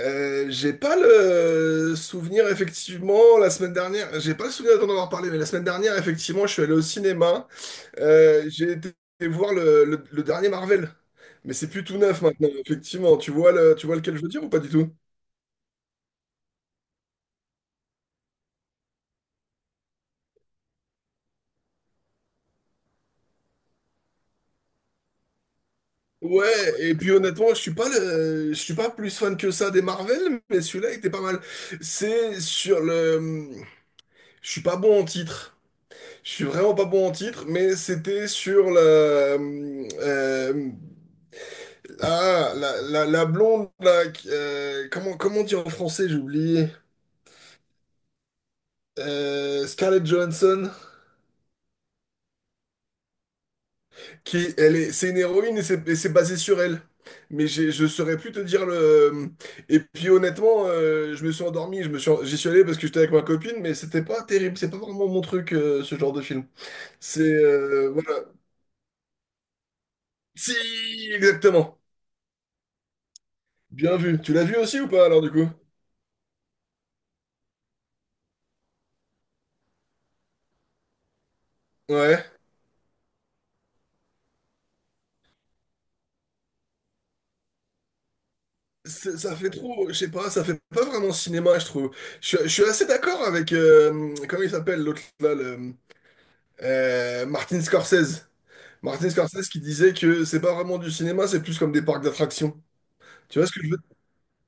J'ai pas le souvenir effectivement la semaine dernière, j'ai pas le souvenir d'en avoir parlé, mais la semaine dernière effectivement je suis allé au cinéma. J'ai été voir le dernier Marvel, mais c'est plus tout neuf maintenant effectivement. Tu vois lequel je veux dire ou pas du tout? Ouais, et puis honnêtement, je suis pas plus fan que ça des Marvel, mais celui-là était pas mal. C'est sur le, je suis pas bon en titre. Je suis vraiment pas bon en titre, mais c'était sur le, ah, la blonde, là, comment, comment dire en français, j'ai oublié. Scarlett Johansson, qui, elle est, c'est une héroïne et c'est basé sur elle. Mais je saurais plus te dire le. Et puis honnêtement, je me suis endormi, je me suis, en- j'y suis allé parce que j'étais avec ma copine, mais c'était pas terrible, c'est pas vraiment mon truc, ce genre de film. C'est voilà. Si, exactement. Bien vu. Tu l'as vu aussi ou pas alors du coup? Ouais. Ça fait trop, je sais pas, ça fait pas vraiment cinéma, je trouve. Je suis assez d'accord avec, comment il s'appelle l'autre là, Martin Scorsese. Martin Scorsese qui disait que c'est pas vraiment du cinéma, c'est plus comme des parcs d'attractions. Tu vois ce que je veux,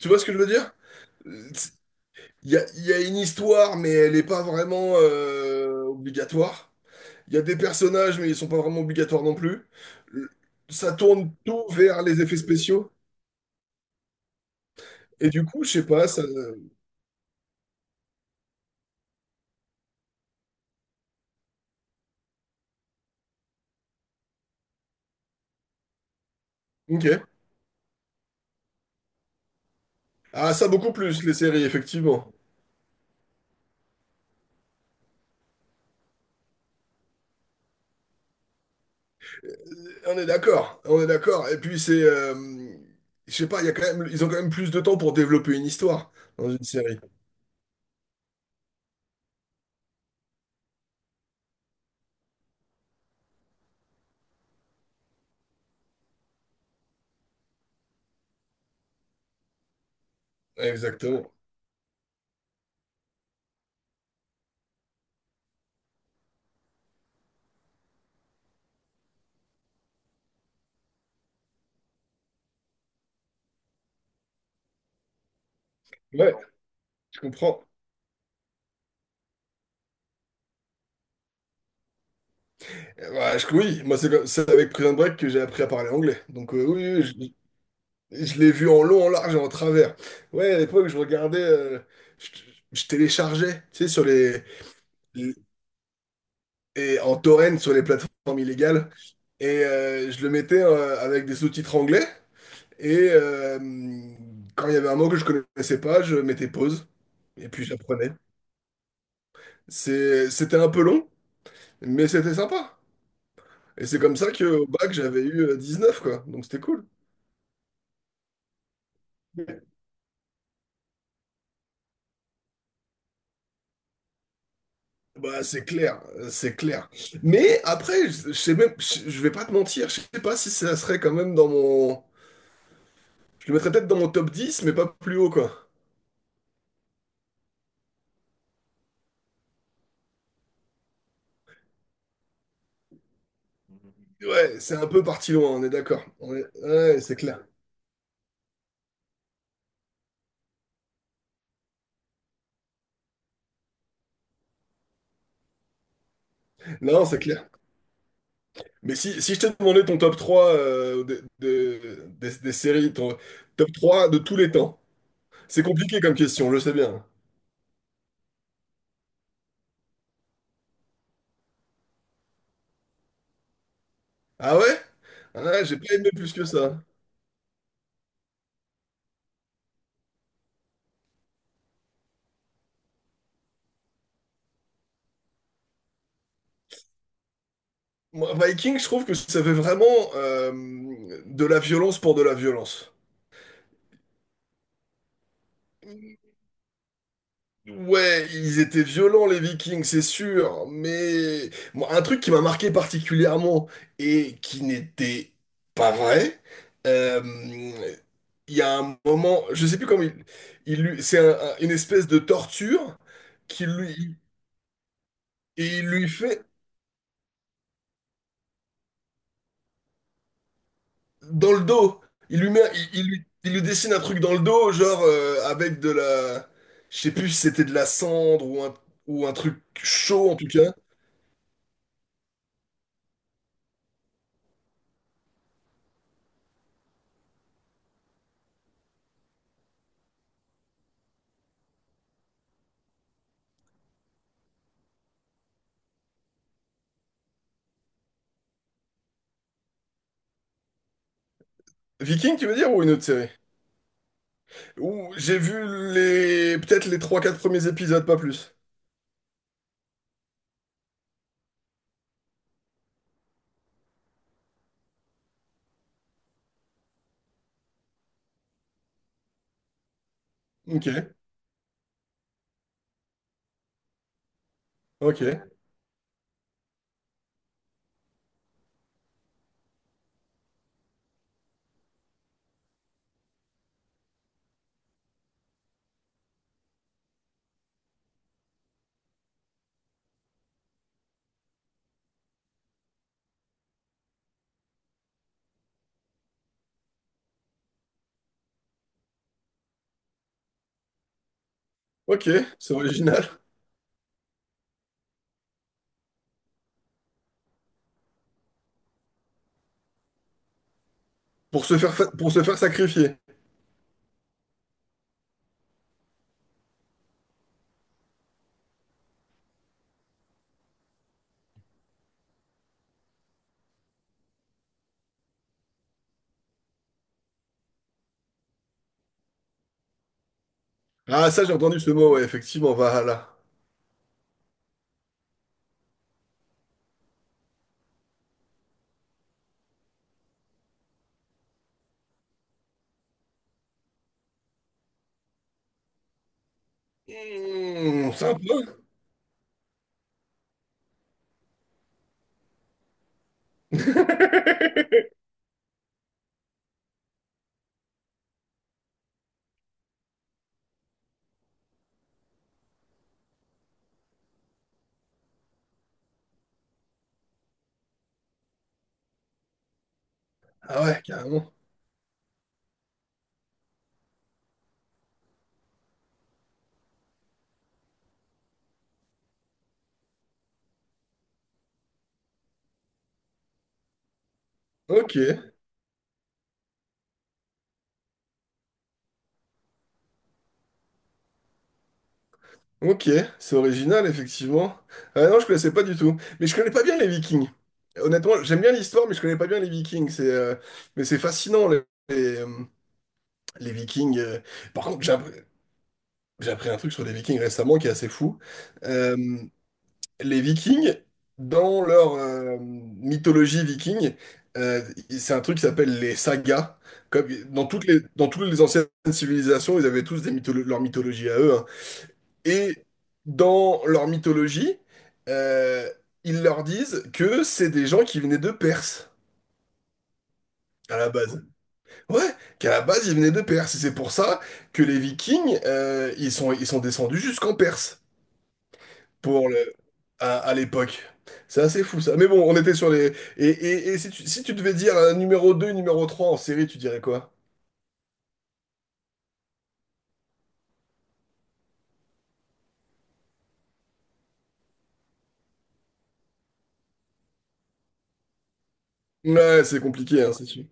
tu vois ce que je veux dire? Il il y a une histoire, mais elle est pas vraiment obligatoire. Il y a des personnages, mais ils sont pas vraiment obligatoires non plus. Ça tourne tout vers les effets spéciaux. Et du coup, je sais pas, ça... Ok. Ah, ça beaucoup plus, les séries, effectivement. On est d'accord, on est d'accord. Et puis c'est, je sais pas, il y a quand même, ils ont quand même plus de temps pour développer une histoire dans une série. Exactement. Ouais, je comprends. Bah, oui, moi c'est avec Prison Break que j'ai appris à parler anglais. Donc oui, oui, je l'ai vu en long, en large et en travers. Ouais, à l'époque je regardais, je, je téléchargeais, tu sais, sur les, et en torrent sur les plateformes illégales et je le mettais avec des sous-titres anglais. Et quand il y avait un mot que je connaissais pas, je mettais pause et puis j'apprenais. C'était un peu long, mais c'était sympa. Et c'est comme ça que au bac, j'avais eu 9 quoi. Donc c'était cool. Bah, c'est clair, c'est clair. Mais après, je vais pas te mentir, je sais pas si ça serait quand même dans mon. Je le mettrais peut-être dans mon top 10, mais pas plus haut, quoi. Ouais, c'est un peu parti loin, on est d'accord. Ouais, c'est clair. Non, c'est clair. Mais si, si je t'ai demandé ton top 3 des séries, ton top 3 de tous les temps, c'est compliqué comme question, je sais bien. Ah ouais? Ah, j'ai pas aimé plus que ça. Moi, Viking, je trouve que ça fait vraiment euh, de la violence pour de la violence. Ouais, ils étaient violents les Vikings, c'est sûr, mais moi, un truc qui m'a marqué particulièrement et qui n'était pas vrai, euh, il y a un moment, je sais plus comment c'est une espèce de torture qu'il lui et il lui fait dans le dos, il lui met, il lui dessine un truc dans le dos, genre avec de la, je sais plus si c'était de la cendre ou un truc chaud en tout cas. Viking, tu veux dire ou une autre série? Ouh, j'ai vu les peut-être les trois quatre premiers épisodes, pas plus. Ok, ok, ok, c'est original. Pour se faire sacrifier. Ah, ça, j'ai entendu ce mot, ouais, effectivement, Valhalla. Hmm, sympa. Ah ouais, carrément. Ok, ok, c'est original, effectivement. Ah non, je connaissais pas du tout. Mais je connais pas bien les Vikings. Honnêtement, j'aime bien l'histoire, mais je connais pas bien les Vikings. C'est, mais c'est fascinant, les, euh, les Vikings. Par contre, j'ai appris un truc sur les Vikings récemment qui est assez fou. Euh, les Vikings, dans leur mythologie viking, euh, c'est un truc qui s'appelle les sagas. Comme, dans toutes les anciennes civilisations, ils avaient tous des leur mythologie à eux, hein. Et dans leur mythologie, euh, ils leur disent que c'est des gens qui venaient de Perse. À la base. Ouais, qu'à la base, ils venaient de Perse. Et c'est pour ça que les Vikings, ils sont descendus jusqu'en Perse pour le à l'époque. C'est assez fou ça. Mais bon, on était sur les. Et si tu, si tu devais dire un numéro 2 numéro 3 en série, tu dirais quoi? Ouais, c'est compliqué, hein, c'est sûr.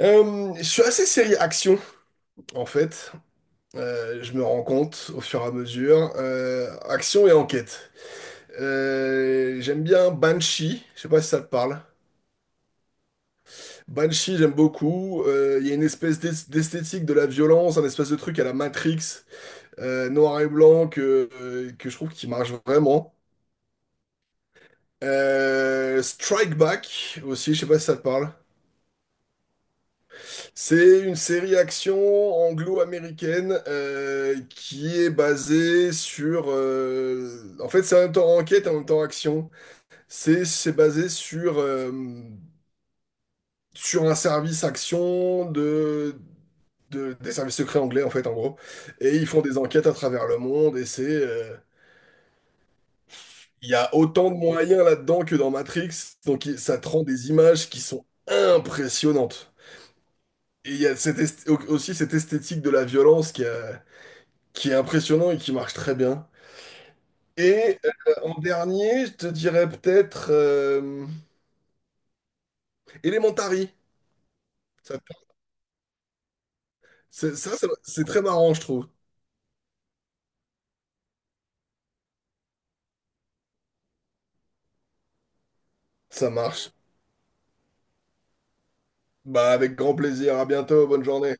Je suis assez série action, en fait. Je me rends compte au fur et à mesure. Action et enquête. J'aime bien Banshee. Je sais pas si ça te parle. Banshee, j'aime beaucoup. Il y a une d'esthétique de la violence, un espèce de truc à la Matrix, noir et blanc, que je trouve qui marche vraiment. Strike Back aussi, je sais pas si ça te parle. C'est une série action anglo-américaine qui est basée sur, en fait, c'est en même temps enquête et en même temps action. C'est basé sur sur un service action de des services secrets anglais en fait en gros. Et ils font des enquêtes à travers le monde et c'est il y a autant de moyens là-dedans que dans Matrix. Donc ça te rend des images qui sont impressionnantes. Et il y a cette aussi cette esthétique de la violence qui est impressionnante et qui marche très bien. Et en dernier, je te dirais peut-être Elementary. Ça, c'est très marrant, je trouve. Ça marche. Bah, avec grand plaisir. À bientôt. Bonne journée.